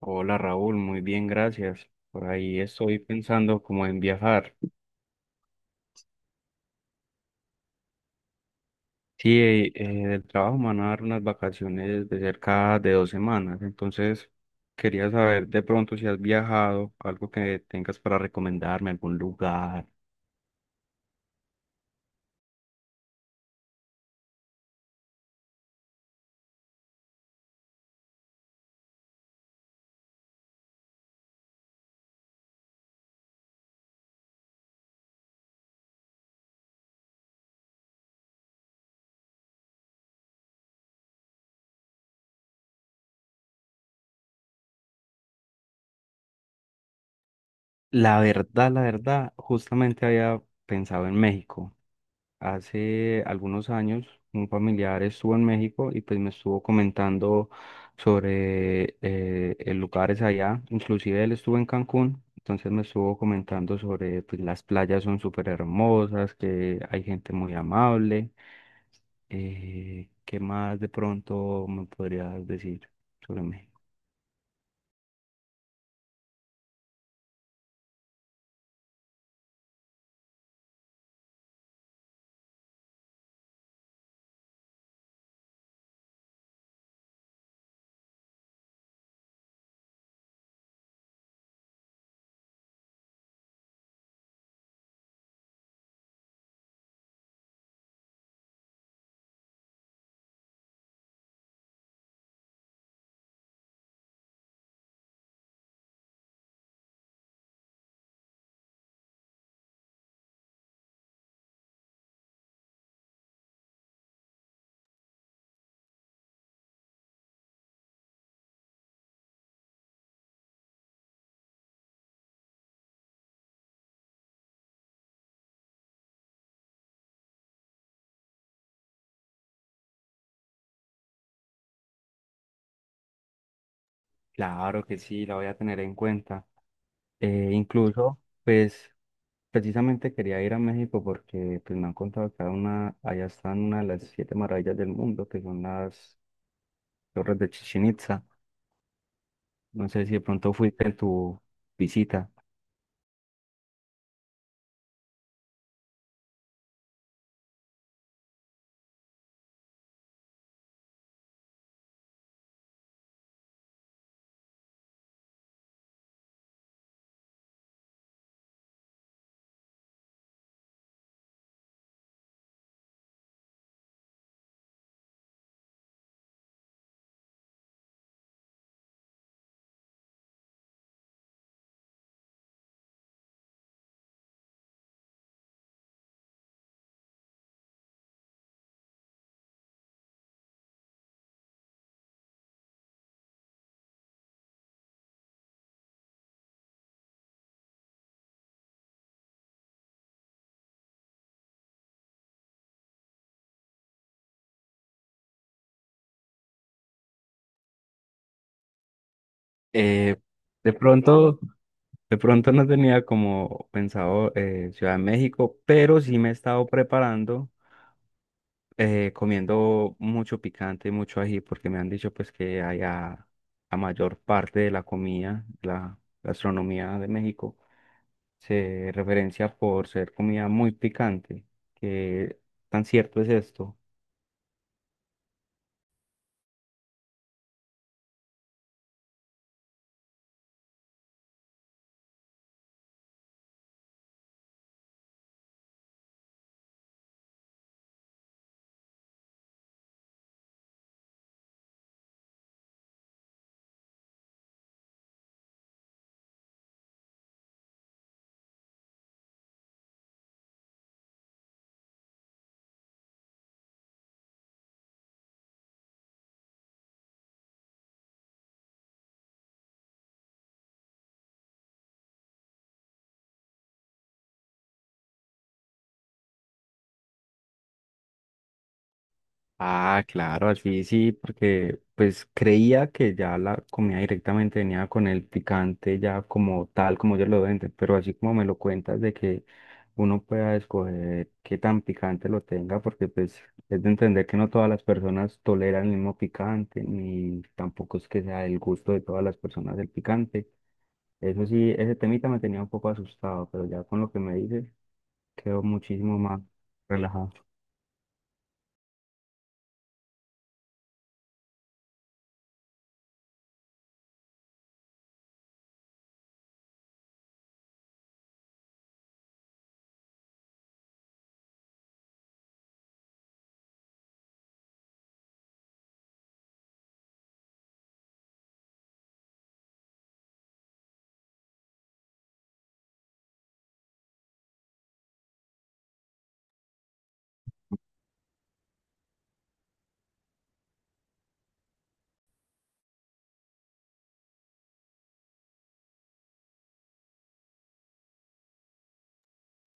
Hola Raúl, muy bien, gracias. Por ahí estoy pensando como en viajar. Sí, del trabajo me van a dar unas vacaciones de cerca de 2 semanas, entonces quería saber de pronto si has viajado, algo que tengas para recomendarme, algún lugar. La verdad, justamente había pensado en México. Hace algunos años un familiar estuvo en México y pues me estuvo comentando sobre lugares allá, inclusive él estuvo en Cancún, entonces me estuvo comentando sobre pues las playas son súper hermosas, que hay gente muy amable. ¿Qué más de pronto me podrías decir sobre México? Claro que sí, la voy a tener en cuenta. Incluso pues precisamente quería ir a México porque pues, me han contado que hay una, allá están una de las siete maravillas del mundo, que son las torres de Chichén Itzá. No sé si de pronto fuiste en tu visita. Eh, de pronto, de pronto no tenía como pensado Ciudad de México, pero sí me he estado preparando, comiendo mucho picante y mucho ají, porque me han dicho pues que allá la mayor parte de la comida, la gastronomía de México se referencia por ser comida muy picante. ¿Qué tan cierto es esto? Ah, claro, así sí, porque pues creía que ya la comida directamente venía con el picante, ya como tal, como ellos lo venden, pero así como me lo cuentas de que uno pueda escoger qué tan picante lo tenga, porque pues es de entender que no todas las personas toleran el mismo picante, ni tampoco es que sea el gusto de todas las personas el picante. Eso sí, ese temita me tenía un poco asustado, pero ya con lo que me dices, quedo muchísimo más relajado.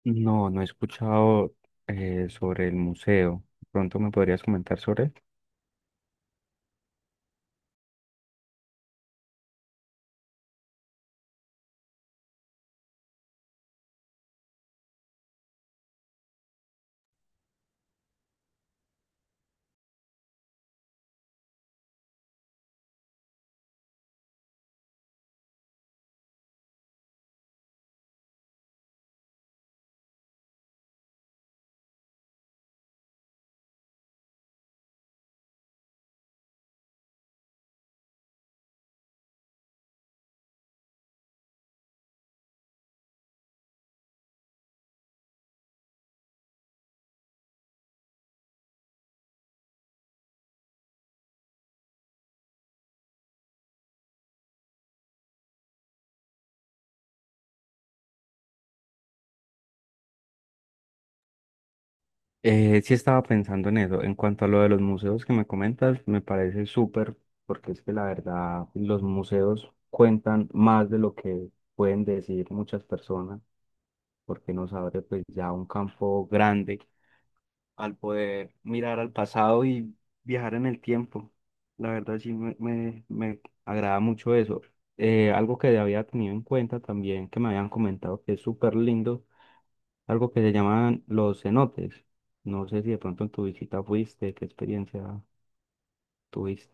No, no he escuchado sobre el museo. Pronto me podrías comentar sobre él. Sí estaba pensando en eso. En cuanto a lo de los museos que me comentas, me parece súper, porque es que la verdad los museos cuentan más de lo que pueden decir muchas personas, porque nos abre pues ya un campo grande al poder mirar al pasado y viajar en el tiempo. La verdad sí me agrada mucho eso. Algo que había tenido en cuenta también, que me habían comentado que es súper lindo, algo que se llaman los cenotes. No sé si de pronto en tu visita fuiste, qué experiencia tuviste.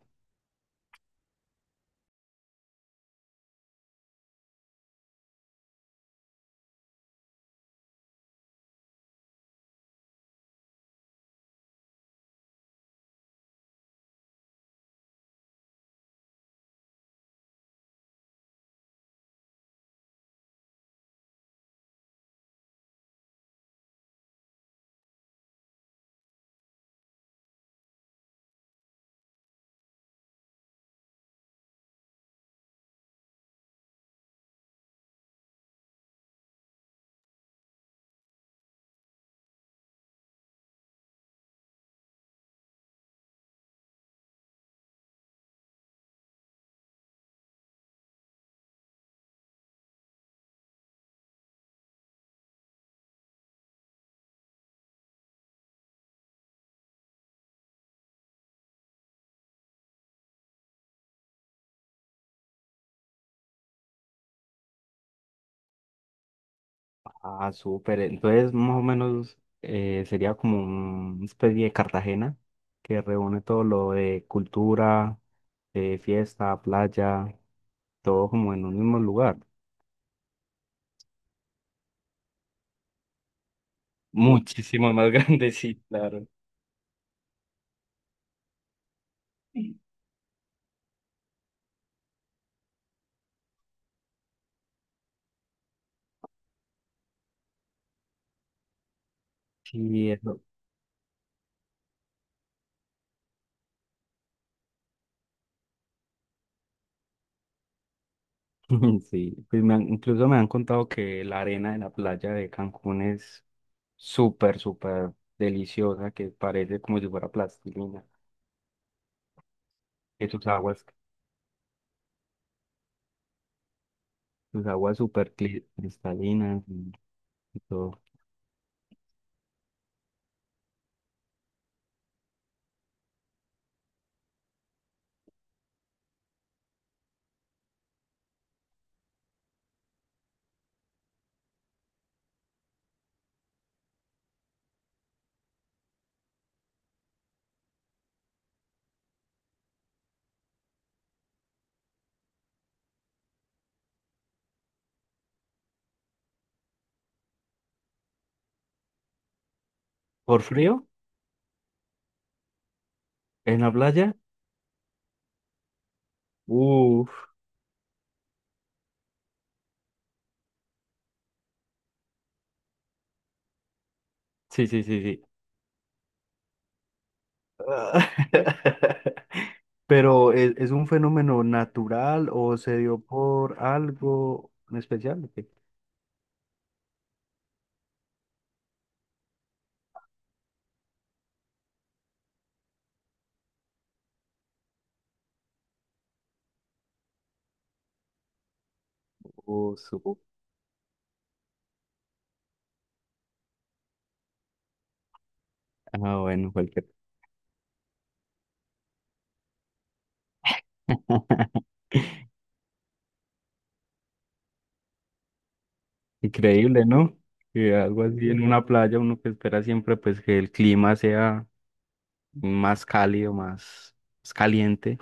Ah, súper. Entonces, más o menos sería como una especie de Cartagena que reúne todo lo de cultura, fiesta, playa, todo como en un mismo lugar. Muchísimo más grande, sí, claro. Sí, eso. Sí, pues incluso me han contado que la arena de la playa de Cancún es súper, súper deliciosa, que parece como si fuera plastilina, que sus aguas súper cristalinas y todo. ¿Por frío? ¿En la playa? Uf, sí, sí, sí, sí. Pero ¿es un fenómeno natural o se dio por algo en especial? ¿O qué? O su- Ah, bueno, cualquier. Increíble, ¿no? Que algo así en una playa, uno que espera siempre pues que el clima sea más cálido, más caliente,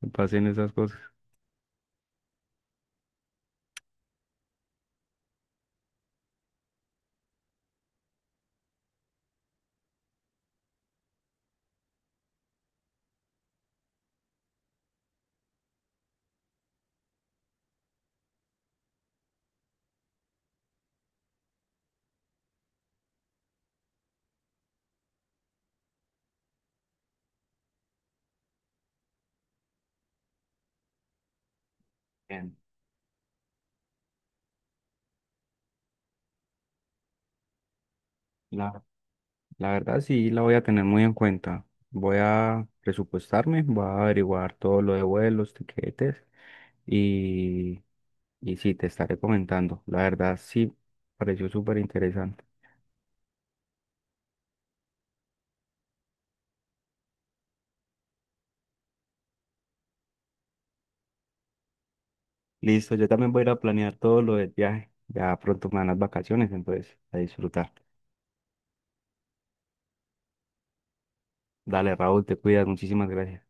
que pasen esas cosas. Bien. La, la verdad sí la voy a tener muy en cuenta. Voy a presupuestarme, voy a averiguar todo lo de vuelos, tiquetes y Y sí, te estaré comentando. La verdad, sí, pareció súper interesante. Listo, yo también voy a ir a planear todo lo del viaje. Ya pronto me dan las vacaciones, entonces a disfrutar. Dale, Raúl, te cuidas. Muchísimas gracias.